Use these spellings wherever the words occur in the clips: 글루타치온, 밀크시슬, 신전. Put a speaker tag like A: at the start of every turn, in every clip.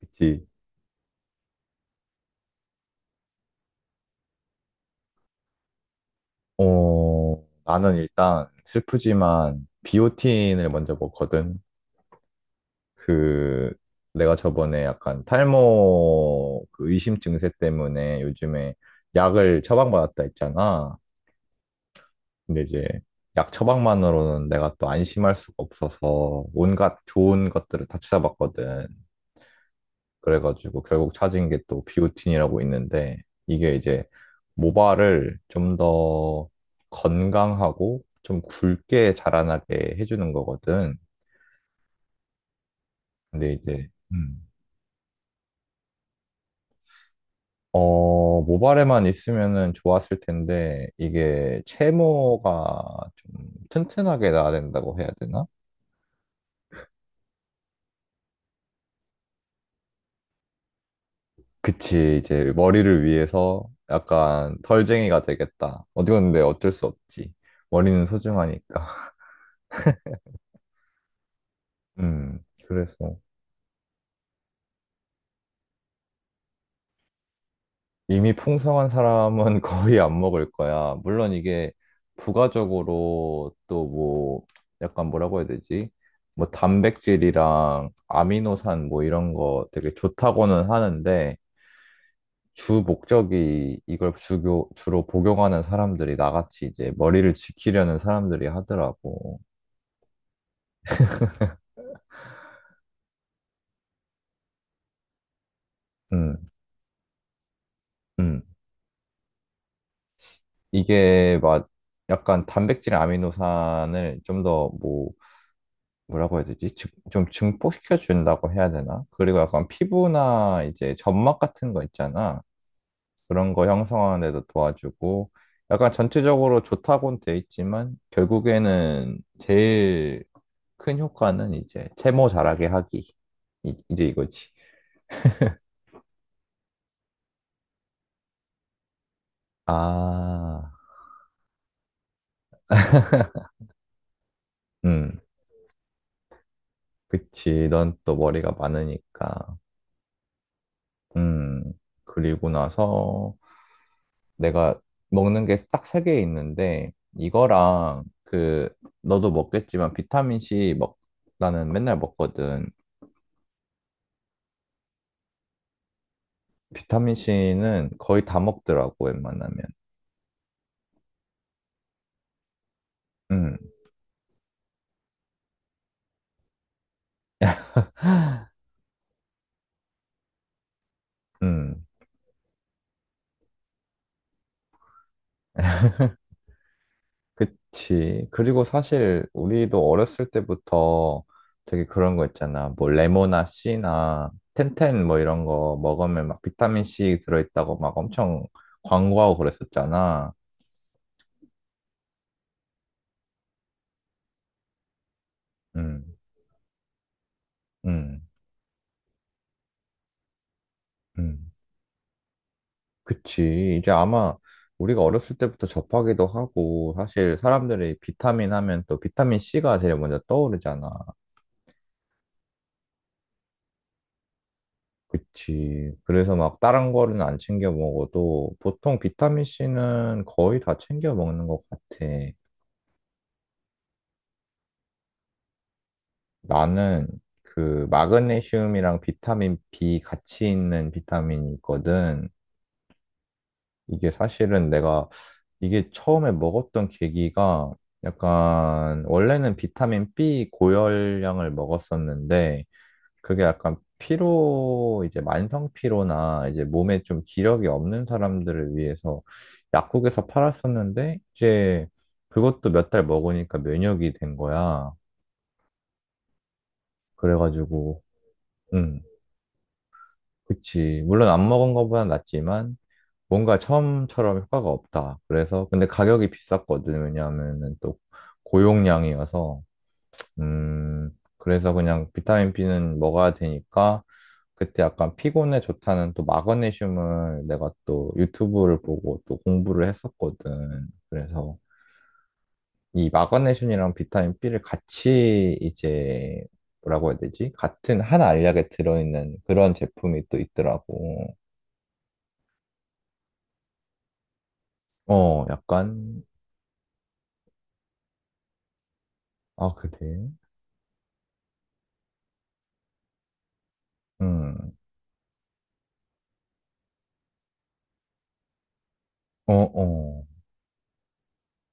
A: 그치. 나는 일단 슬프지만 비오틴을 먼저 먹거든. 그, 내가 저번에 약간 탈모 그 의심 증세 때문에 요즘에 약을 처방받았다 했잖아. 근데 이제 약 처방만으로는 내가 또 안심할 수가 없어서 온갖 좋은 것들을 다 찾아봤거든. 그래가지고 결국 찾은 게 또 비오틴이라고 있는데 이게 이제 모발을 좀 더 건강하고 좀 굵게 자라나게 해주는 거거든. 근데 이제 모발에만 있으면은 좋았을 텐데 이게 채모가 좀 튼튼하게 나야 된다고 해야 되나? 그치, 이제 머리를 위해서 약간 덜쟁이가 되겠다. 어디 갔는데 어쩔 수 없지. 머리는 소중하니까. 음, 그래서 이미 풍성한 사람은 거의 안 먹을 거야. 물론 이게 부가적으로 또 약간 뭐라고 해야 되지? 뭐 단백질이랑 아미노산 뭐 이런 거 되게 좋다고는 하는데 주 목적이 주로 복용하는 사람들이 나같이 이제 머리를 지키려는 사람들이 하더라고. 음. 음. 이게 막 약간 단백질 아미노산을 좀더뭐 뭐라고 해야 되지? 좀 증폭시켜 준다고 해야 되나? 그리고 약간 피부나 이제 점막 같은 거 있잖아. 그런 거 형성하는 데도 도와주고 약간 전체적으로 좋다고는 돼 있지만 결국에는 제일 큰 효과는 이제 채모 자라게 하기. 이제 이거지. 아. 음, 그치. 넌 또 머리가 많으니까. 음, 그리고 나서 내가 먹는 게 딱 세 개 있는데 이거랑 너도 먹겠지만 비타민 C 먹 나는 맨날 먹거든. 비타민 C는 거의 다 먹더라고 웬만하면. 음, 음, 그치. 그리고 사실 우리도 어렸을 때부터 되게 그런 거 있잖아. 뭐 레모나 C나 텐텐 뭐 이런 거 먹으면 막 비타민 C 들어있다고 막 엄청 광고하고 그랬었잖아. 음, 음, 음. 그치. 이제 아마 우리가 어렸을 때부터 접하기도 하고, 사실 사람들이 비타민 하면 또 비타민 C가 제일 먼저 떠오르잖아. 그치. 그래서 막 다른 거는 안 챙겨 먹어도 보통 비타민 C는 거의 다 챙겨 먹는 것 같아. 나는 그 마그네슘이랑 비타민 B 같이 있는 비타민이 있거든. 이게 사실은 내가 이게 처음에 먹었던 계기가 약간 원래는 비타민 B 고열량을 먹었었는데 그게 약간 피로 이제 만성 피로나 이제 몸에 좀 기력이 없는 사람들을 위해서 약국에서 팔았었는데 이제 그것도 몇 달 먹으니까 면역이 된 거야. 그래가지고 응. 그치. 물론 안 먹은 것보단 낫지만 뭔가 처음처럼 효과가 없다. 그래서, 근데 가격이 비쌌거든. 왜냐하면은 또 고용량이어서, 음, 그래서 그냥 비타민 B는 먹어야 되니까, 그때 약간 피곤에 좋다는 또 마그네슘을 내가 또 유튜브를 보고 또 공부를 했었거든. 그래서 이 마그네슘이랑 비타민 B를 같이 이제, 뭐라고 해야 되지? 같은 한 알약에 들어있는 그런 제품이 또 있더라고. 어, 약간, 아, 그래? 음. 어, 어.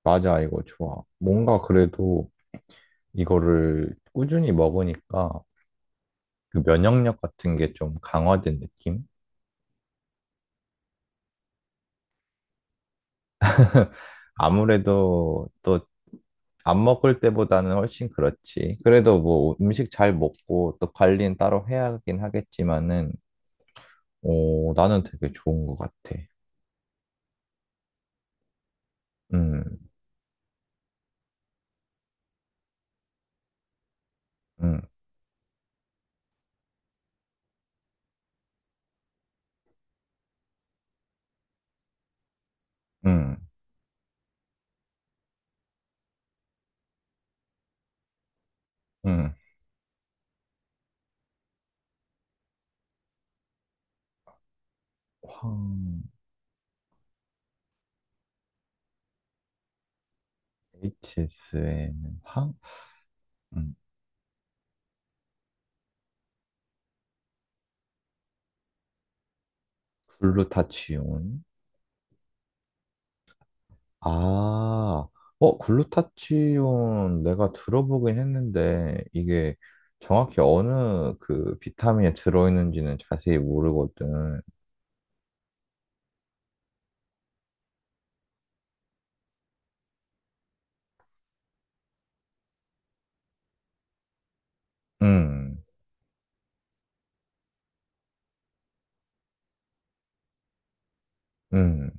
A: 맞아, 이거 좋아. 뭔가 그래도 이거를 꾸준히 먹으니까 그 면역력 같은 게 좀 강화된 느낌? 아무래도 또 안 먹을 때보다는 훨씬 그렇지. 그래도 뭐 음식 잘 먹고 또 관리는 따로 해야 하긴 하겠지만은, 오, 나는 되게 좋은 것 같아. 음, 음, 음, 음. 황, HSM, 음, 글루타치온. 아, 글루타치온 내가 들어보긴 했는데 이게 정확히 어느 그 비타민에 들어있는지는 자세히 모르거든. 음, 음.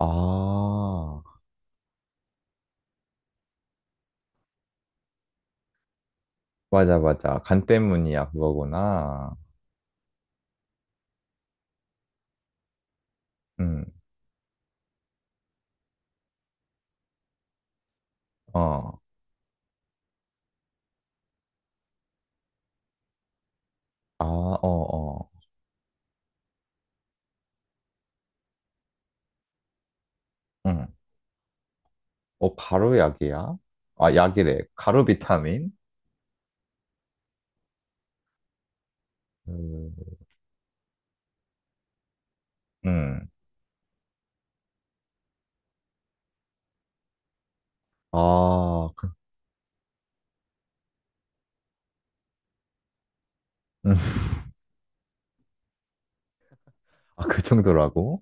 A: 아, 맞아, 맞아. 간 때문이야, 그거구나. 음, 어. 아, 어, 어. 응. 어, 가루 약이야? 아, 약이래. 가루 비타민? 음, 음. 아, 그, 음. 아, 그 정도라고?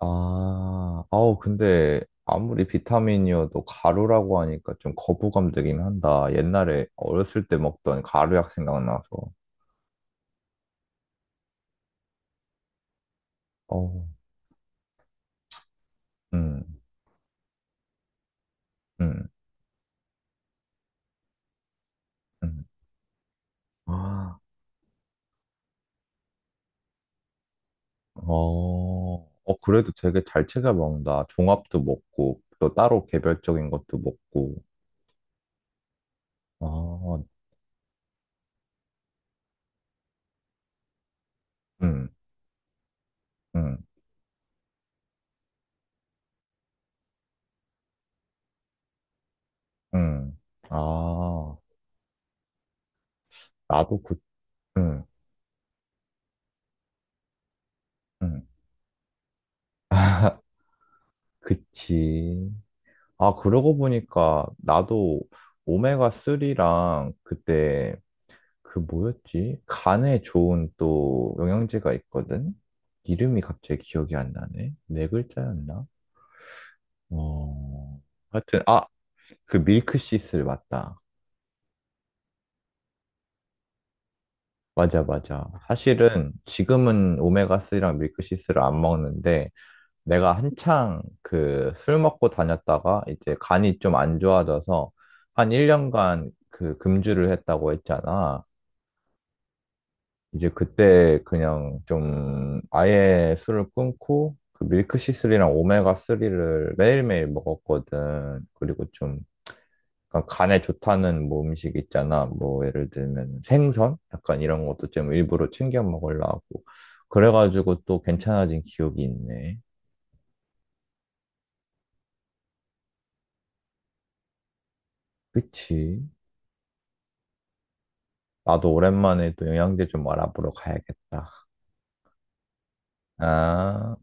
A: 아, 아우, 근데 아무리 비타민이어도 가루라고 하니까 좀 거부감 되긴 한다. 옛날에 어렸을 때 먹던 가루약 생각나서. 어, 음, 음, 음. 아, 어, 그래도 되게 잘 챙겨 먹는다. 종합도 먹고, 또 따로 개별적인 것도 먹고. 아, 음, 음, 음. 아, 나도 그, 음, 음. 그치. 아, 그러고 보니까 나도 오메가3랑 그때 그 뭐였지? 간에 좋은 또 영양제가 있거든? 이름이 갑자기 기억이 안 나네. 네 글자였나? 어, 하여튼, 아, 그 밀크시슬 맞다. 맞아, 맞아. 사실은 지금은 오메가3랑 밀크시슬을 안 먹는데 내가 한창 그 술 먹고 다녔다가 이제 간이 좀 안 좋아져서 한 1년간 그 금주를 했다고 했잖아. 이제 그때 그냥 좀 아예 술을 끊고 그 밀크시슬이랑 오메가3를 매일매일 먹었거든. 그리고 좀 약간 간에 좋다는 뭐 음식 있잖아. 뭐 예를 들면 생선? 약간 이런 것도 좀 일부러 챙겨 먹으려고. 그래가지고 또 괜찮아진 기억이 있네. 그치? 나도 오랜만에 또 영양제 좀 알아보러 가야겠다. 아.